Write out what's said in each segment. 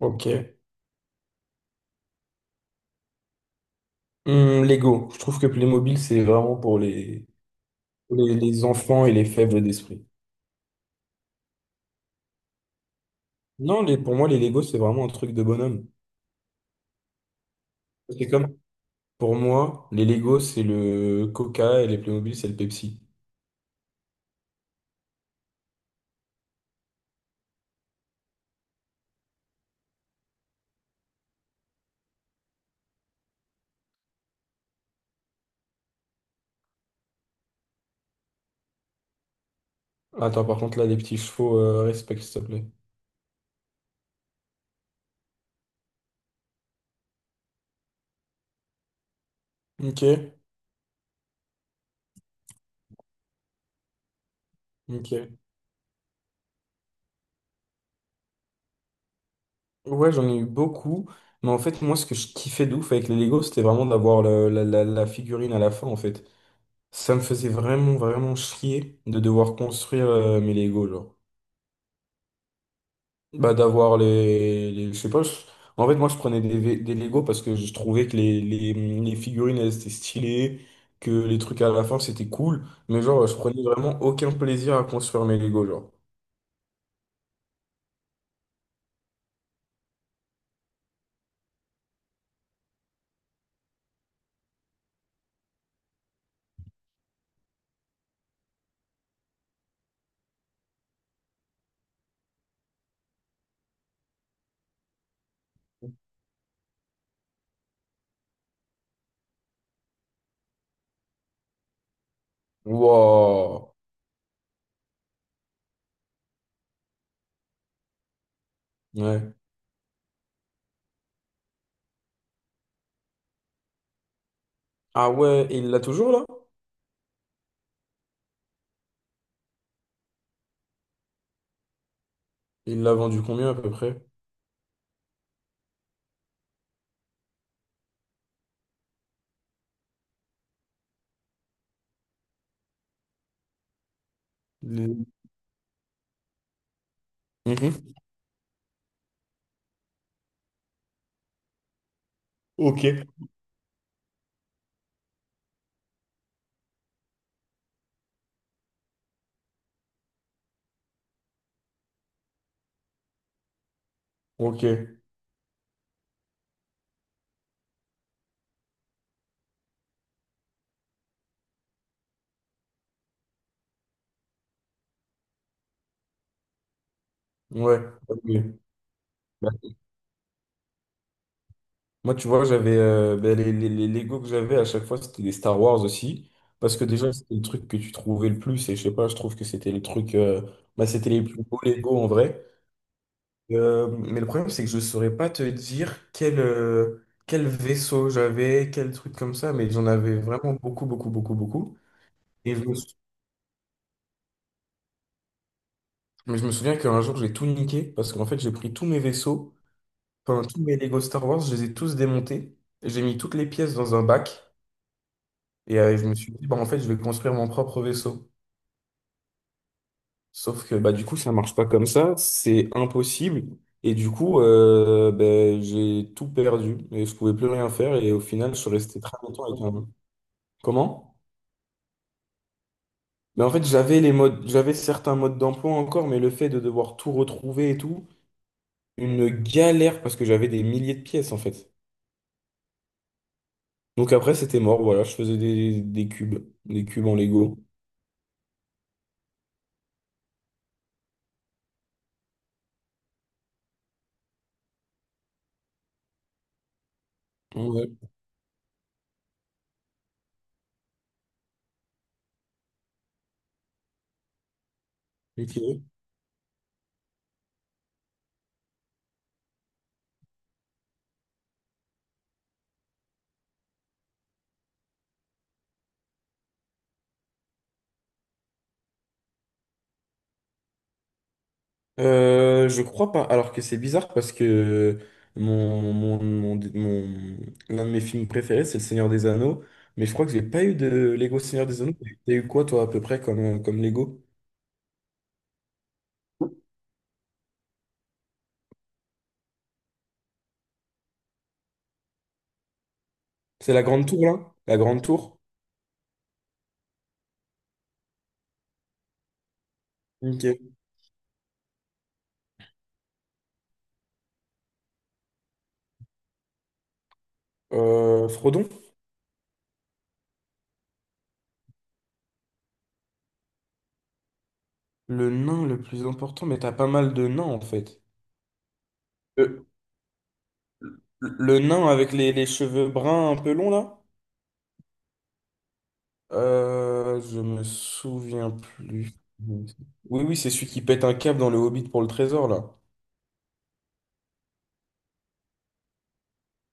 Ok. Lego. Je trouve que Playmobil, c'est vraiment pour les enfants et les faibles d'esprit. Non, pour moi, les Lego, c'est vraiment un truc de bonhomme. C'est comme, pour moi, les Lego, c'est le Coca et les Playmobil, c'est le Pepsi. Attends, par contre, là, les petits chevaux, respect, s'il te plaît. Ok, ok. Ouais, j'en ai eu beaucoup. Mais en fait, moi, ce que je kiffais de ouf avec les Lego, c'était vraiment d'avoir la figurine à la fin, en fait. Ça me faisait vraiment, vraiment chier de devoir construire, mes Lego, genre. Bah, je sais pas. En fait, moi, je prenais des Lego parce que je trouvais que les figurines, elles étaient stylées, que les trucs à la fin, c'était cool. Mais genre, je prenais vraiment aucun plaisir à construire mes Lego, genre. Wow. Ouais. Ah ouais, et il l'a toujours, là? Il l'a vendu combien, à peu près? Les- Mhm. Ok. Ok. Ouais. Ok. Bah, moi, tu vois, j'avais ben, les Lego que j'avais à chaque fois, c'était des Star Wars aussi. Parce que déjà, c'était le truc que tu trouvais le plus. Et je sais pas, je trouve que c'était les trucs. Bah, c'était les plus beaux Lego en vrai. Mais le problème, c'est que je saurais pas te dire quel vaisseau j'avais, quel truc comme ça. Mais j'en avais vraiment beaucoup, beaucoup, beaucoup, beaucoup. Et je me, sou- mais je me souviens qu'un jour, j'ai tout niqué. Parce qu'en fait, j'ai pris tous mes vaisseaux, enfin, tous mes Lego Star Wars, je les ai tous démontés. J'ai mis toutes les pièces dans un bac. Et je me suis dit, bah, en fait, je vais construire mon propre vaisseau. Sauf que bah, du coup, ça marche pas comme ça, c'est impossible. Et du coup, ben, j'ai tout perdu et je pouvais plus rien faire. Et au final, je suis resté très longtemps avec un... Comment? Mais en fait, j'avais les modes, j'avais certains modes d'emploi encore, mais le fait de devoir tout retrouver et tout, une galère parce que j'avais des milliers de pièces en fait. Donc après, c'était mort, voilà, je faisais des cubes, des cubes en Lego. Ouais, ok. Je crois pas. Alors que c'est bizarre parce que mon, mon, mon, mon- l'un de mes films préférés, c'est Le Seigneur des Anneaux. Mais je crois que j'ai pas eu de Lego Seigneur des Anneaux. T'as eu quoi, toi, à peu près, comme, comme Lego? C'est la Grande Tour, là? La Grande Tour? Ok. Frodon? Le nain le plus important, mais t'as pas mal de nains, en fait. Le, le nain avec les cheveux bruns un peu longs, là? Je me souviens plus. Oui, oui, c'est celui qui pète un câble dans le Hobbit pour le trésor, là.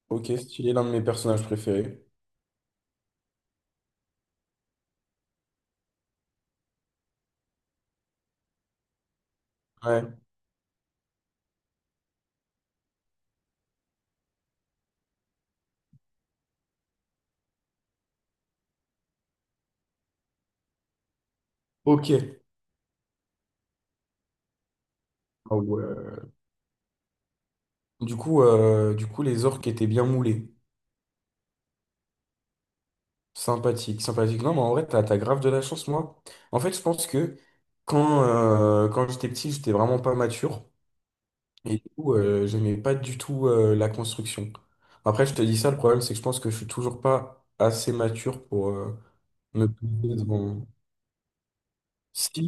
Ok, stylé, l'un de mes personnages préférés. Ouais. Ok. Ah ouais. Du coup, les orques étaient bien moulés. Sympathique, sympathique. Non, mais en vrai, t'as grave de la chance, moi. En fait, je pense que quand j'étais petit, j'étais vraiment pas mature. Et du coup, j'aimais pas du tout la construction. Après, je te dis ça, le problème, c'est que je pense que je suis toujours pas assez mature pour me poser devant. Si,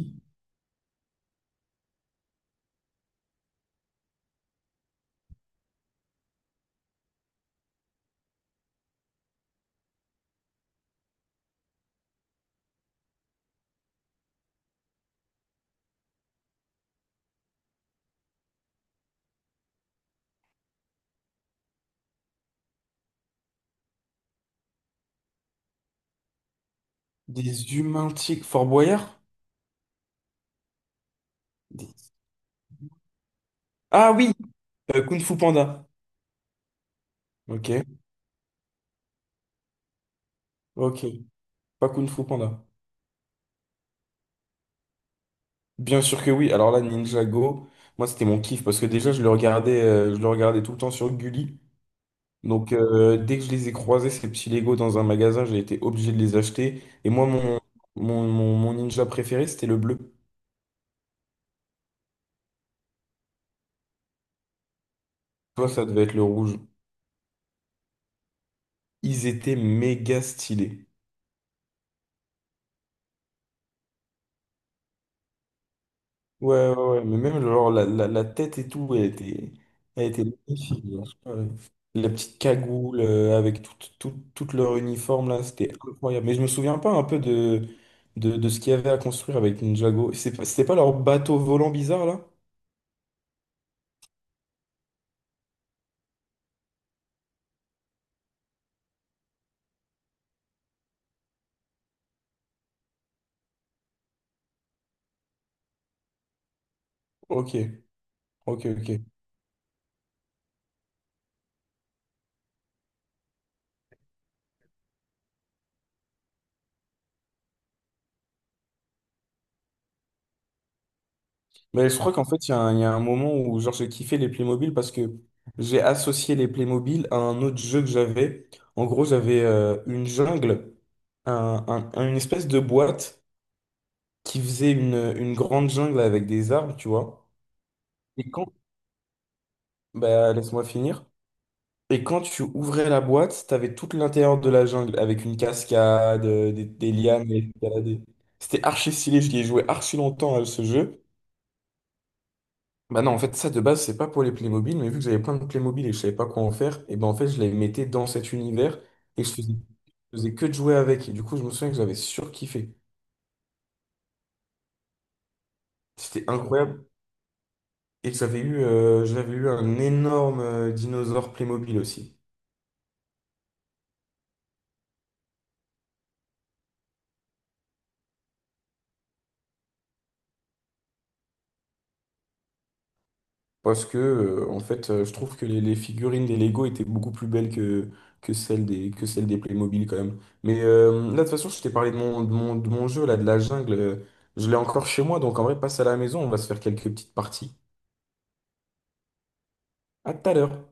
des humains tiques. Fort Boyard? Des- Ah oui, Kung Fu Panda. Ok, ok. Pas Kung Fu Panda. Bien sûr que oui. Alors là, Ninjago, moi c'était mon kiff parce que déjà je le regardais tout le temps sur Gulli. Donc dès que je les ai croisés, ces petits Lego dans un magasin, j'ai été obligé de les acheter. Et moi, mon ninja préféré, c'était le bleu. Toi, ça devait être le rouge. Ils étaient méga stylés. Ouais, ouais, ouais, mais même genre, la tête et tout, elle était magnifique. Genre. Ouais. La petite cagoule avec tout, tout, tout leur uniforme là, c'était incroyable. Mais je me souviens pas un peu de, ce qu'il y avait à construire avec Ninjago. C'est pas- C'était pas leur bateau volant bizarre là? Ok, ok, ok. Mais je crois qu'en fait, il y a un moment où genre, j'ai kiffé les Playmobil parce que j'ai associé les Playmobil à un autre jeu que j'avais. En gros, j'avais une jungle, un- une espèce de boîte qui faisait une grande jungle avec des arbres, tu vois. Et quand, Bah, laisse-moi finir. Et quand tu ouvrais la boîte, t'avais tout l'intérieur de la jungle avec une cascade, des lianes, à escalader. C'était archi stylé, je l'ai joué archi longtemps à ce jeu. Bah non, en fait, ça de base, c'est pas pour les Playmobil, mais vu que j'avais plein de Playmobil et je savais pas quoi en faire, et ben en fait, je les mettais dans cet univers et je faisais que de jouer avec. Et du coup, je me souviens que j'avais surkiffé. C'était incroyable. Et j'avais eu un énorme dinosaure Playmobil aussi. Parce que, en fait, je trouve que les figurines des Lego étaient beaucoup plus belles que, que celles des Playmobil, quand même. Mais là, de toute façon, je t'ai parlé de mon, de mon jeu, là, de la jungle. Je l'ai encore chez moi, donc en vrai, passe à la maison, on va se faire quelques petites parties. À tout à l'heure.